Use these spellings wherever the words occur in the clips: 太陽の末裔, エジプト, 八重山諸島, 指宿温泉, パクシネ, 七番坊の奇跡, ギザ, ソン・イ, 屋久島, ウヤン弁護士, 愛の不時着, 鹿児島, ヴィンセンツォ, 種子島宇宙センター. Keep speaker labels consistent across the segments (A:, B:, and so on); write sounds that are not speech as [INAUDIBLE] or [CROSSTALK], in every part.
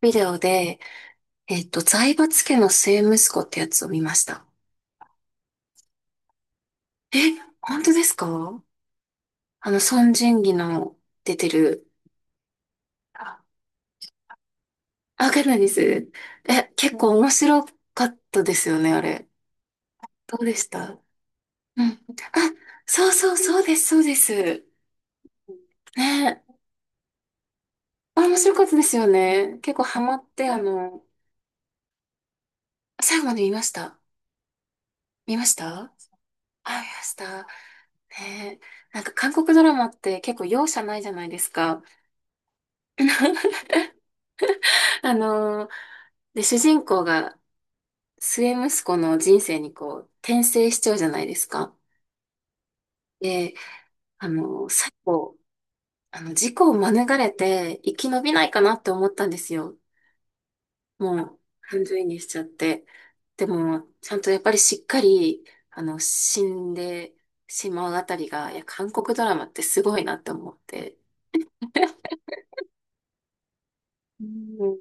A: ビデオで、財閥家の末息子ってやつを見ました。え、本当ですか？あの、孫仁義の出てる。あ、わかるんないです。え、結構面白かったですよね、あれ。どうでした？うん。あ、そうそう、そうです、そうです。ね、あ面白かったですよね。結構ハマって、最後まで見ました。見ました？あ、見ました。ねえ、なんか韓国ドラマって結構容赦ないじゃないですか。[LAUGHS] あのーで、主人公が末息子の人生にこう、転生しちゃうじゃないですか。で、最後、事故を免れて生き延びないかなって思ったんですよ。もう、感情移入しちゃって。でも、ちゃんとやっぱりしっかり、死んでしまうあたりが、いや、韓国ドラマってすごいなって思って。うん。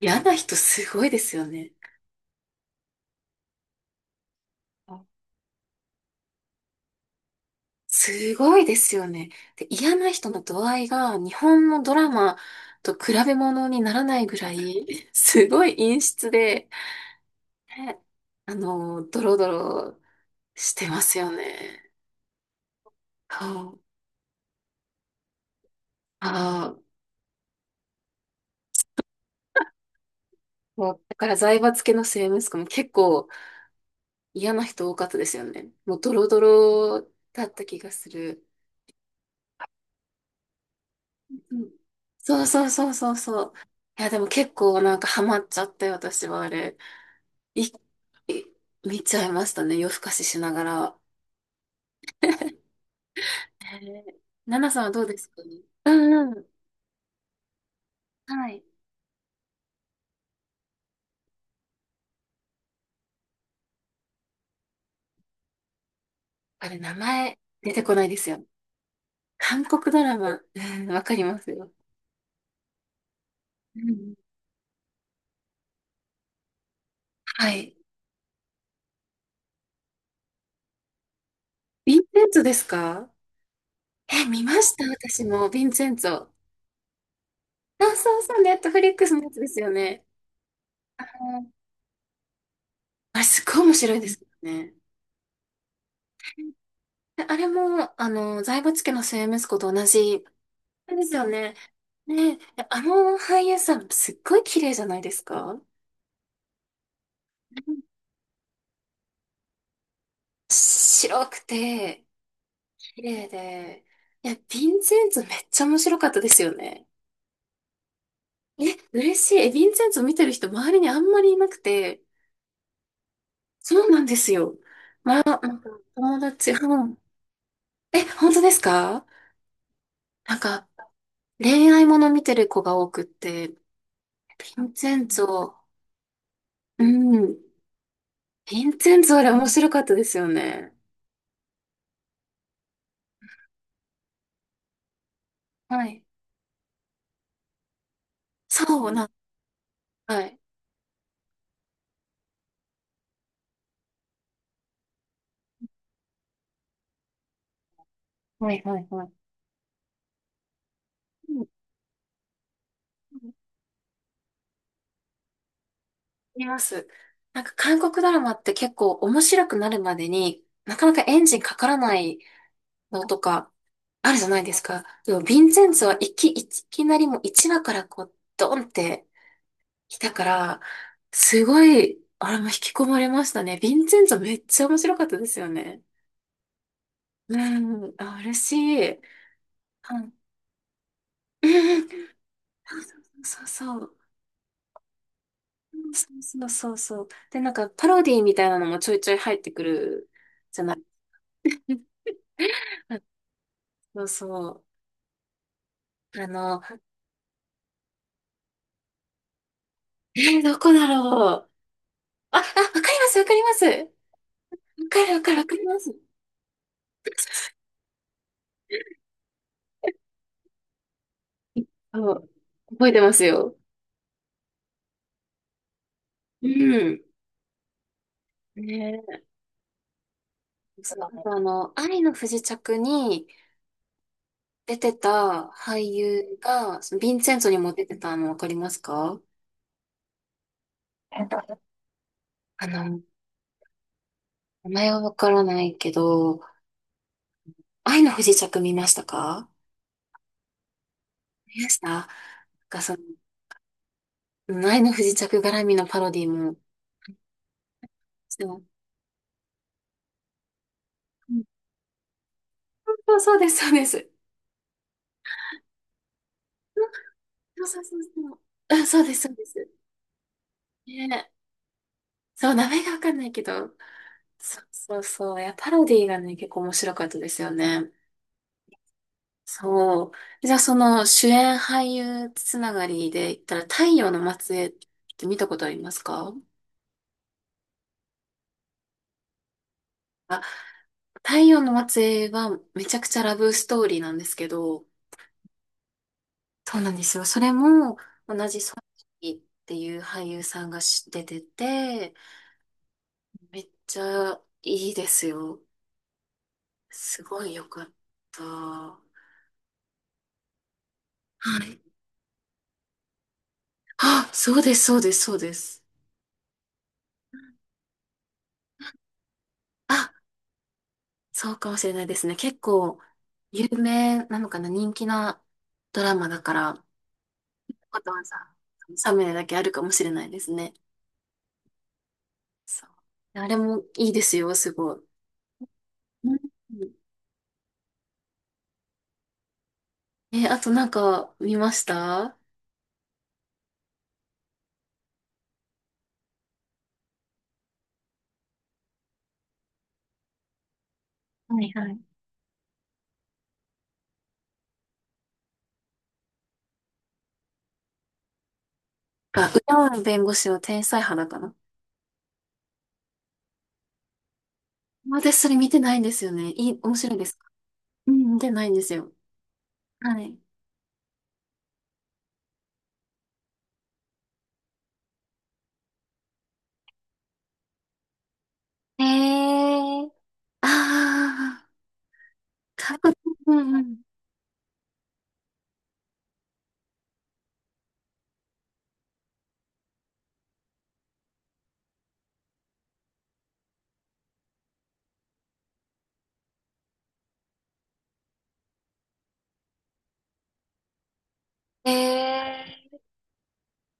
A: 嫌な人すごいですよね。すごいですよね。で、嫌な人の度合いが日本のドラマと比べ物にならないぐらい、すごい陰湿で、ね、ドロドロしてますよね。そう、ああ、もう、だから財閥系の末息子も結構嫌な人多かったですよね。もうドロドロだった気がする。うん。そうそうそうそうそう。いや、でも結構なんかハマっちゃって、私はあれ。い、い見ちゃいましたね。夜更かししながら。ナナさんはどうですか？うんうん。はい。あれ、名前出てこないですよ。韓国ドラマ。うん、わかりますよ。うん。はい。ヴィンセンツォですか？え、見ました私も、ヴィンセンツォ。あ、そうそう、ネットフリックスのやつですよね。うん。あれ、すっごい面白いですよね。であれも、財閥家の末息子と同じ。ですよね。ねえ、あの俳優さん、すっごい綺麗じゃないですか？白くて、綺麗で。いや、ヴィンセンツめっちゃ面白かったですよね。え、嬉しい。え、ヴィンセンツ見てる人周りにあんまりいなくて。そうなんですよ。まあ、なんか友達、うん。え、本当ですか？なんか、恋愛もの見てる子が多くって、ヴィンセンツォ、うん。ヴィンセンツォあれ面白かったですよね。はい。そうなん、はい。はいはいはい。うん。います。なんか韓国ドラマって結構面白くなるまでになかなかエンジンかからないのとかあるじゃないですか。でもヴィンセンツはいきなりもう1話からこうドンって来たから、すごい、あれも引き込まれましたね。ヴィンセンツめっちゃ面白かったですよね。うん、あ、嬉しい。はい。うん。そうそう。そうそうそうそう。で、なんかパロディみたいなのもちょいちょい入ってくるじゃない。そうそう。あの、どこだろう。あ、あ、わかります、わかります。わかる、わかる、わかります。そう、覚えてますよ。うん。ねえ、そう、あと愛の不時着に出てた俳優が、そのヴィンセントにも出てたのわかりますか？あの、名前はわからないけど、愛の不時着見ましたか？見ましたなんかその、愛の不時着絡みのパロディもしてます。うん。そうそうです、そうです。そうそうそうそう。あ、そうです、そうです。ね。そう、名前がわかんないけど。そうそうそう。いや、パロディーがね、結構面白かったですよね。そう。じゃあ、その主演俳優つながりで言ったら、太陽の末裔って見たことありますか？あ、太陽の末裔はめちゃくちゃラブストーリーなんですけど、そうなんですよ。それも同じソン・イっていう俳優さんが出てて、めっちゃいいですよ。すごいよかった。はい。あ、そうです、そうです、そうです。あ、そうかもしれないですね。結構、有名なのかな、人気なドラマだから、わざわざサムネだけあるかもしれないですね。そう。あれもいいですよ、すごい。うん。え、あとなんか見ました？はいはい。あ、ウヤン弁護士の天才肌かな。私それ見てないんですよね。面白いですか？うん、見てないんですよ。はい。へえ。ああ、か、うんうん。ええー、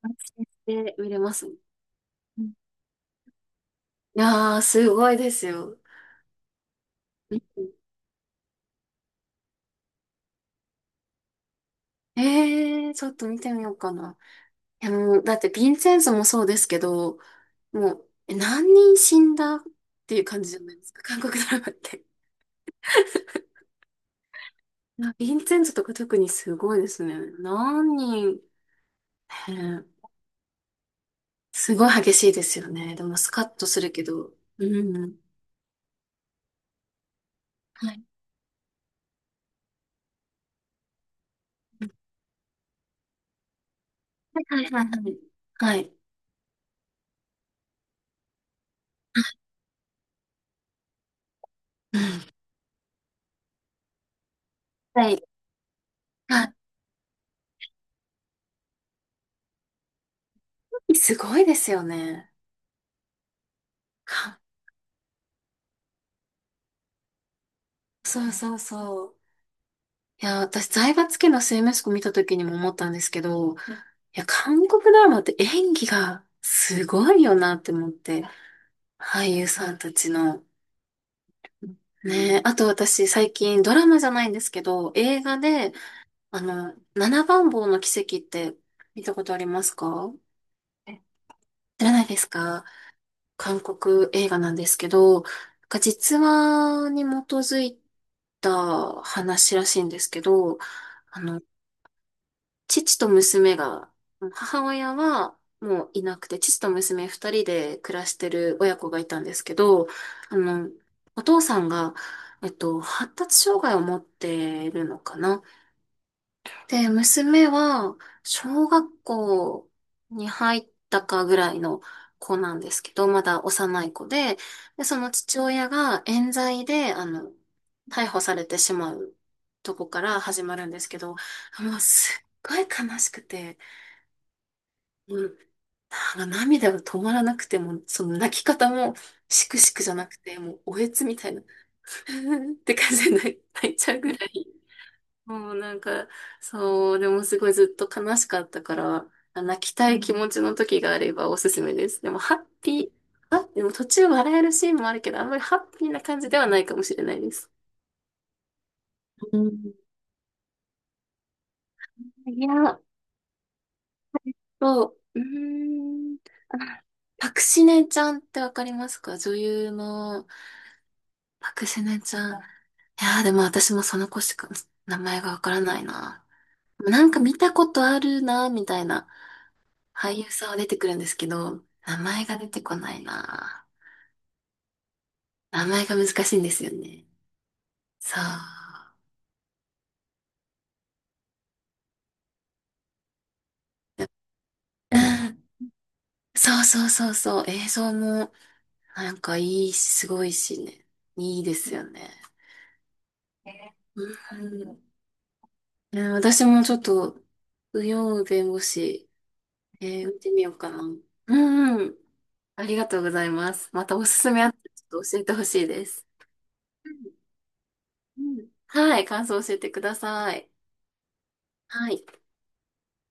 A: 安心して見れますもん。うん。いやー、すごいですよ。うん。ええー、ちょっと見てみようかな。いや、もう、だってヴィンセンスもそうですけど、もう、え何人死んだっていう感じじゃないですか、韓国ドラマって。いやヴィンセンスとか特にすごいですね。何人、ねえすごい激しいですよね。でも、スカッとするけど。うん。はい。はいはいはいはい。はい。うん。はい。[LAUGHS] あ、すごいですよね。[LAUGHS] か、そうそうそう。いや、私、財閥家の末息子見た時にも思ったんですけど、いや、韓国ドラマって演技がすごいよなって思って、俳優さんたちの。ねえ、あと私、最近ドラマじゃないんですけど、映画で、七番坊の奇跡って見たことありますか？知らないですか？韓国映画なんですけど、なんか実話に基づいた話らしいんですけど、あの、父と娘が、母親はもういなくて、父と娘二人で暮らしてる親子がいたんですけど、あの、お父さんが、発達障害を持ってるのかな。で、娘は、小学校に入ったかぐらいの子なんですけど、まだ幼い子で、で、その父親が冤罪で、逮捕されてしまうとこから始まるんですけど、もうすっごい悲しくて、もう、なんか涙が止まらなくて、もうその泣き方もしくしくじゃなくて、もうおえつみたいな [LAUGHS] って感じで泣いちゃうぐらい、もうなんか、そう、でもすごいずっと悲しかったから、泣きたい気持ちの時があればおすすめです。でもハッピー、あ、でも途中笑えるシーンもあるけど、あんまりハッピーな感じではないかもしれないです。うん。いや、そう、うーん、パクシネちゃんってわかりますか？女優のパクシネちゃん。いやー、でも私もその子しか名前がわからないな。なんか見たことあるな、みたいな。俳優さんは出てくるんですけど、名前が出てこないな。名前が難しいんですよね。そう。[LAUGHS] うん。そうそうそうそう。映像も、なんかいいし、すごいしね。いいですよね。うん。うん私もちょっと、右陽弁護士、見てみようかな。うんうん。ありがとうございます。またおすすめあったらちょっと教えてほしいです。うんうん、はい、感想教えてください。はい。